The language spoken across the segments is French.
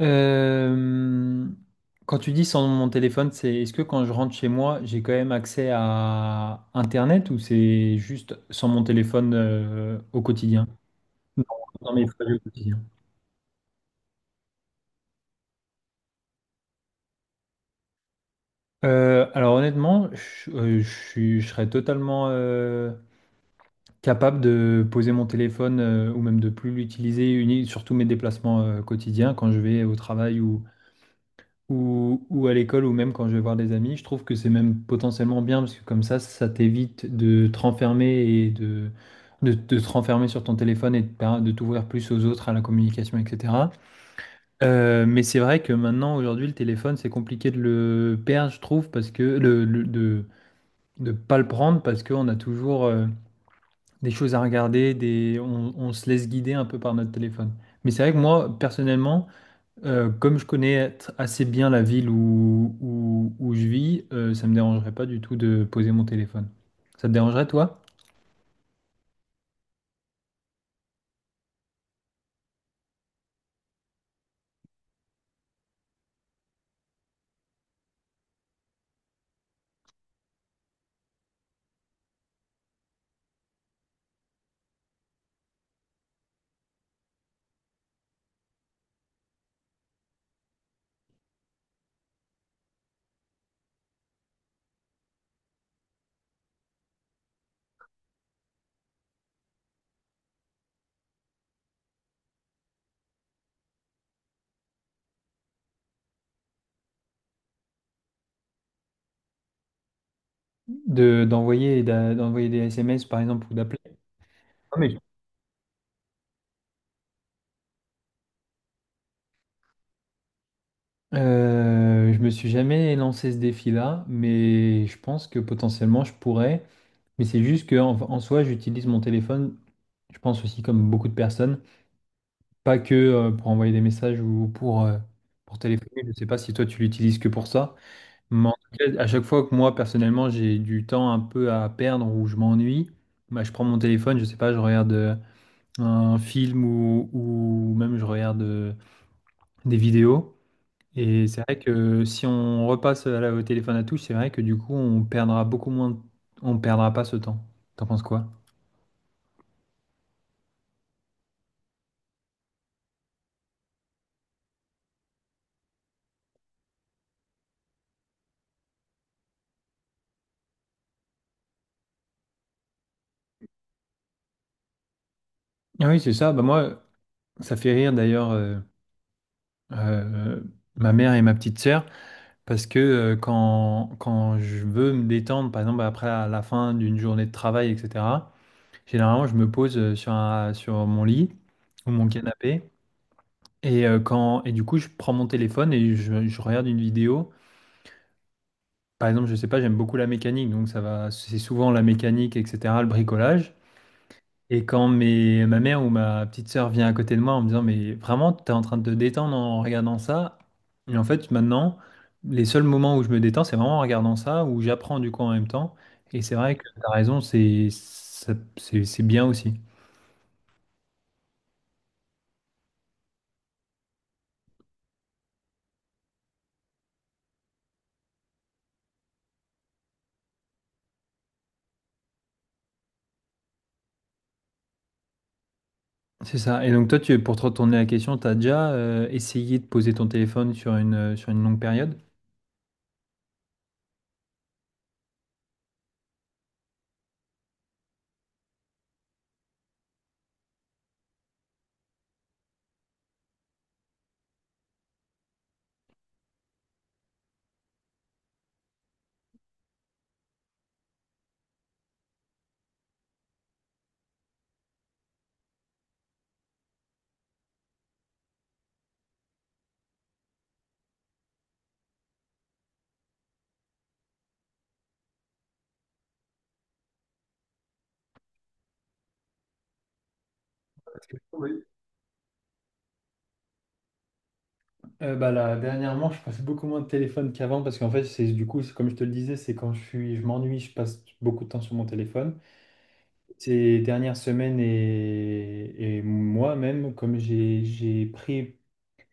Euh, Quand tu dis sans mon téléphone, c'est est-ce que quand je rentre chez moi, j'ai quand même accès à Internet ou c'est juste sans mon téléphone au quotidien? Non, dans mes frais au quotidien. Alors honnêtement, je serais totalement capable de poser mon téléphone ou même de plus l'utiliser, surtout mes déplacements quotidiens quand je vais au travail ou à l'école ou même quand je vais voir des amis. Je trouve que c'est même potentiellement bien parce que comme ça t'évite de te renfermer et de te renfermer sur ton téléphone et de t'ouvrir plus aux autres, à la communication, etc. Mais c'est vrai que maintenant, aujourd'hui, le téléphone, c'est compliqué de le perdre, je trouve, parce que de pas le prendre parce qu'on a toujours des choses à regarder, on se laisse guider un peu par notre téléphone. Mais c'est vrai que moi, personnellement, comme je connais assez bien la ville où je vis, ça me dérangerait pas du tout de poser mon téléphone. Ça te dérangerait, toi, de, d'envoyer, et d'a- d'envoyer des SMS, par exemple, ou d'appeler? Non. Je me suis jamais lancé ce défi-là, mais je pense que potentiellement je pourrais. Mais c'est juste que en soi, j'utilise mon téléphone, je pense aussi comme beaucoup de personnes, pas que pour envoyer des messages ou pour téléphoner. Je ne sais pas si toi tu l'utilises que pour ça. Mais en tout cas, à chaque fois que moi, personnellement, j'ai du temps un peu à perdre ou je m'ennuie, bah, je prends mon téléphone, je sais pas, je regarde un film ou même je regarde des vidéos. Et c'est vrai que si on repasse au téléphone à touche, c'est vrai que du coup, on perdra beaucoup moins, on perdra pas ce temps. T'en penses quoi? Ah oui, c'est ça. Bah moi, ça fait rire d'ailleurs, euh, ma mère et ma petite sœur. Parce que quand je veux me détendre, par exemple après la fin d'une journée de travail, etc., généralement je me pose sur mon lit ou mon canapé. Et du coup, je prends mon téléphone et je regarde une vidéo. Par exemple, je sais pas, j'aime beaucoup la mécanique, donc ça va, c'est souvent la mécanique, etc., le bricolage. Et quand ma mère ou ma petite sœur vient à côté de moi en me disant, mais vraiment, t'es en train de te détendre en regardant ça. Et en fait, maintenant, les seuls moments où je me détends, c'est vraiment en regardant ça, où j'apprends du coup en même temps. Et c'est vrai que t'as raison, c'est bien aussi. C'est ça. Et donc toi, pour te retourner la question, t'as déjà essayé de poser ton téléphone sur une longue période? Oui. Bah là, dernièrement, je passe beaucoup moins de téléphone qu'avant parce qu'en fait, c'est comme je te le disais, c'est quand je m'ennuie, je passe beaucoup de temps sur mon téléphone. Ces dernières semaines, et moi-même, comme j'ai pris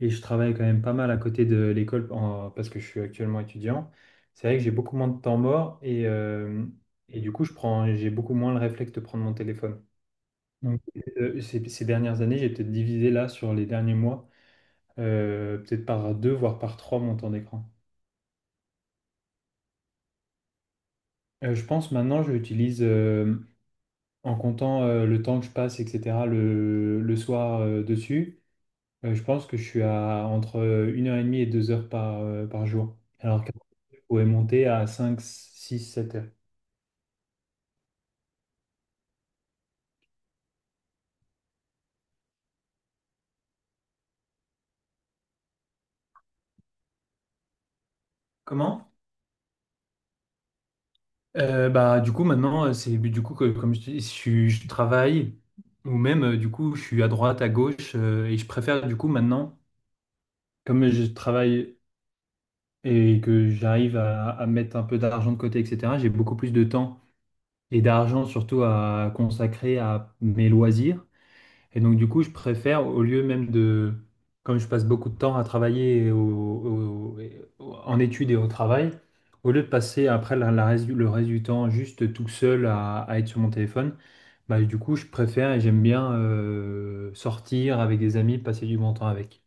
et je travaille quand même pas mal à côté de l'école, parce que je suis actuellement étudiant, c'est vrai que j'ai beaucoup moins de temps mort, et du coup, j'ai beaucoup moins le réflexe de prendre mon téléphone. Donc, ces dernières années, j'ai peut-être divisé là sur les derniers mois, peut-être par deux, voire par trois mon temps d'écran. Je pense maintenant, je l'utilise en comptant le temps que je passe, etc., le soir dessus. Je pense que je suis à entre 1h30 et 2 heures par jour. Alors qu'après, je pourrais monter à 5, 6, 7 heures. Comment? Bah, du coup, maintenant, c'est du coup que, comme je te dis, je travaille, ou même, du coup, je suis à droite, à gauche, et je préfère, du coup, maintenant, comme je travaille et que j'arrive à mettre un peu d'argent de côté, etc., j'ai beaucoup plus de temps et d'argent, surtout, à consacrer à mes loisirs. Et donc, du coup, je préfère, au lieu même de, comme je passe beaucoup de temps à travailler en études et au travail, au lieu de passer après le reste du temps juste tout seul à être sur mon téléphone, bah, du coup, je préfère et j'aime bien sortir avec des amis, passer du bon temps avec.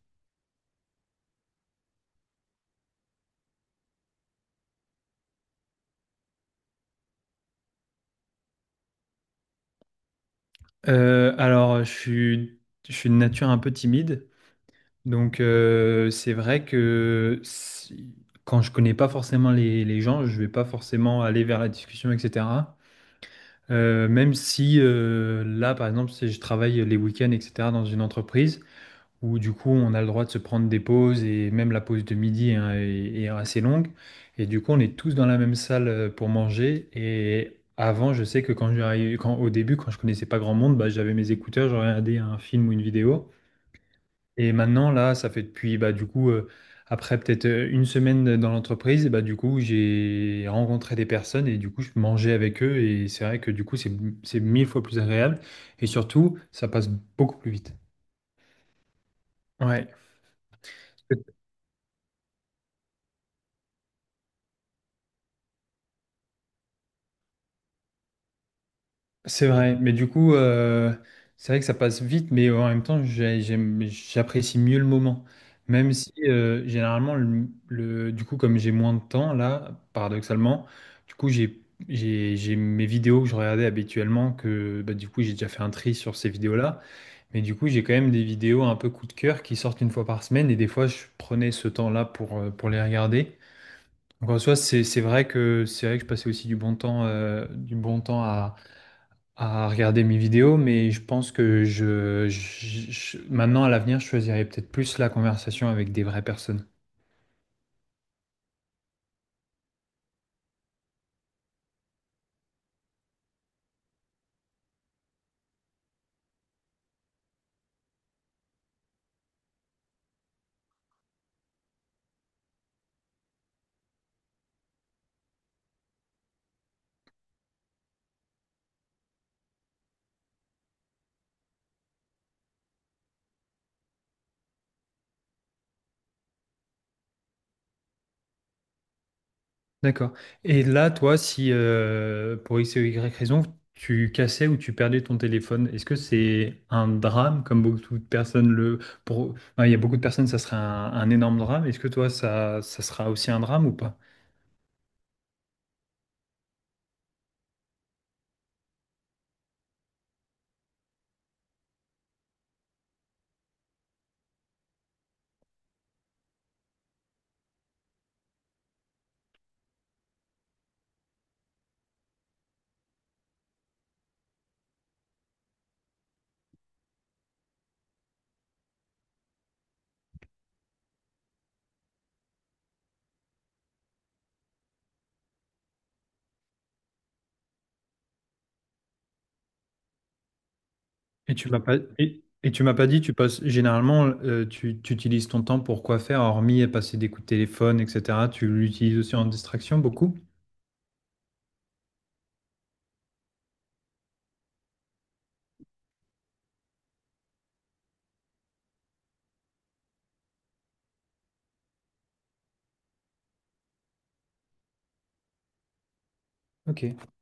Alors, je suis de nature un peu timide, donc c'est vrai que quand je connais pas forcément les gens, je vais pas forcément aller vers la discussion, etc. Même si là, par exemple, si je travaille les week-ends, etc., dans une entreprise où du coup on a le droit de se prendre des pauses et même la pause de midi, hein, est assez longue. Et du coup, on est tous dans la même salle pour manger. Et avant, je sais que au début, quand je connaissais pas grand monde, bah, j'avais mes écouteurs, je regardais un film ou une vidéo. Et maintenant, là, ça fait depuis, bah, du coup, après peut-être une semaine dans l'entreprise, bah, du coup, j'ai rencontré des personnes et du coup, je mangeais avec eux. Et c'est vrai que du coup, c'est mille fois plus agréable. Et surtout, ça passe beaucoup plus vite. Ouais. C'est vrai, mais du coup, c'est vrai que ça passe vite, mais en même temps, j'apprécie mieux le moment. Même si, généralement, du coup, comme j'ai moins de temps, là, paradoxalement, du coup, j'ai mes vidéos que je regardais habituellement, que bah, du coup, j'ai déjà fait un tri sur ces vidéos-là, mais du coup, j'ai quand même des vidéos un peu coup de cœur qui sortent une fois par semaine, et des fois, je prenais ce temps-là pour les regarder. Donc, en soi, c'est vrai que je passais aussi du bon temps à regarder mes vidéos, mais je pense que maintenant à l'avenir, je choisirais peut-être plus la conversation avec des vraies personnes. D'accord. Et là, toi, si pour X ou Y raison, tu cassais ou tu perdais ton téléphone, est-ce que c'est un drame comme beaucoup de personnes le... Pour... enfin, il y a beaucoup de personnes, ça serait un énorme drame. Est-ce que toi, ça sera aussi un drame ou pas? Et tu m'as pas dit, tu utilises ton temps pour quoi faire, hormis passer des coups de téléphone, etc. Tu l'utilises aussi en distraction beaucoup? Ok.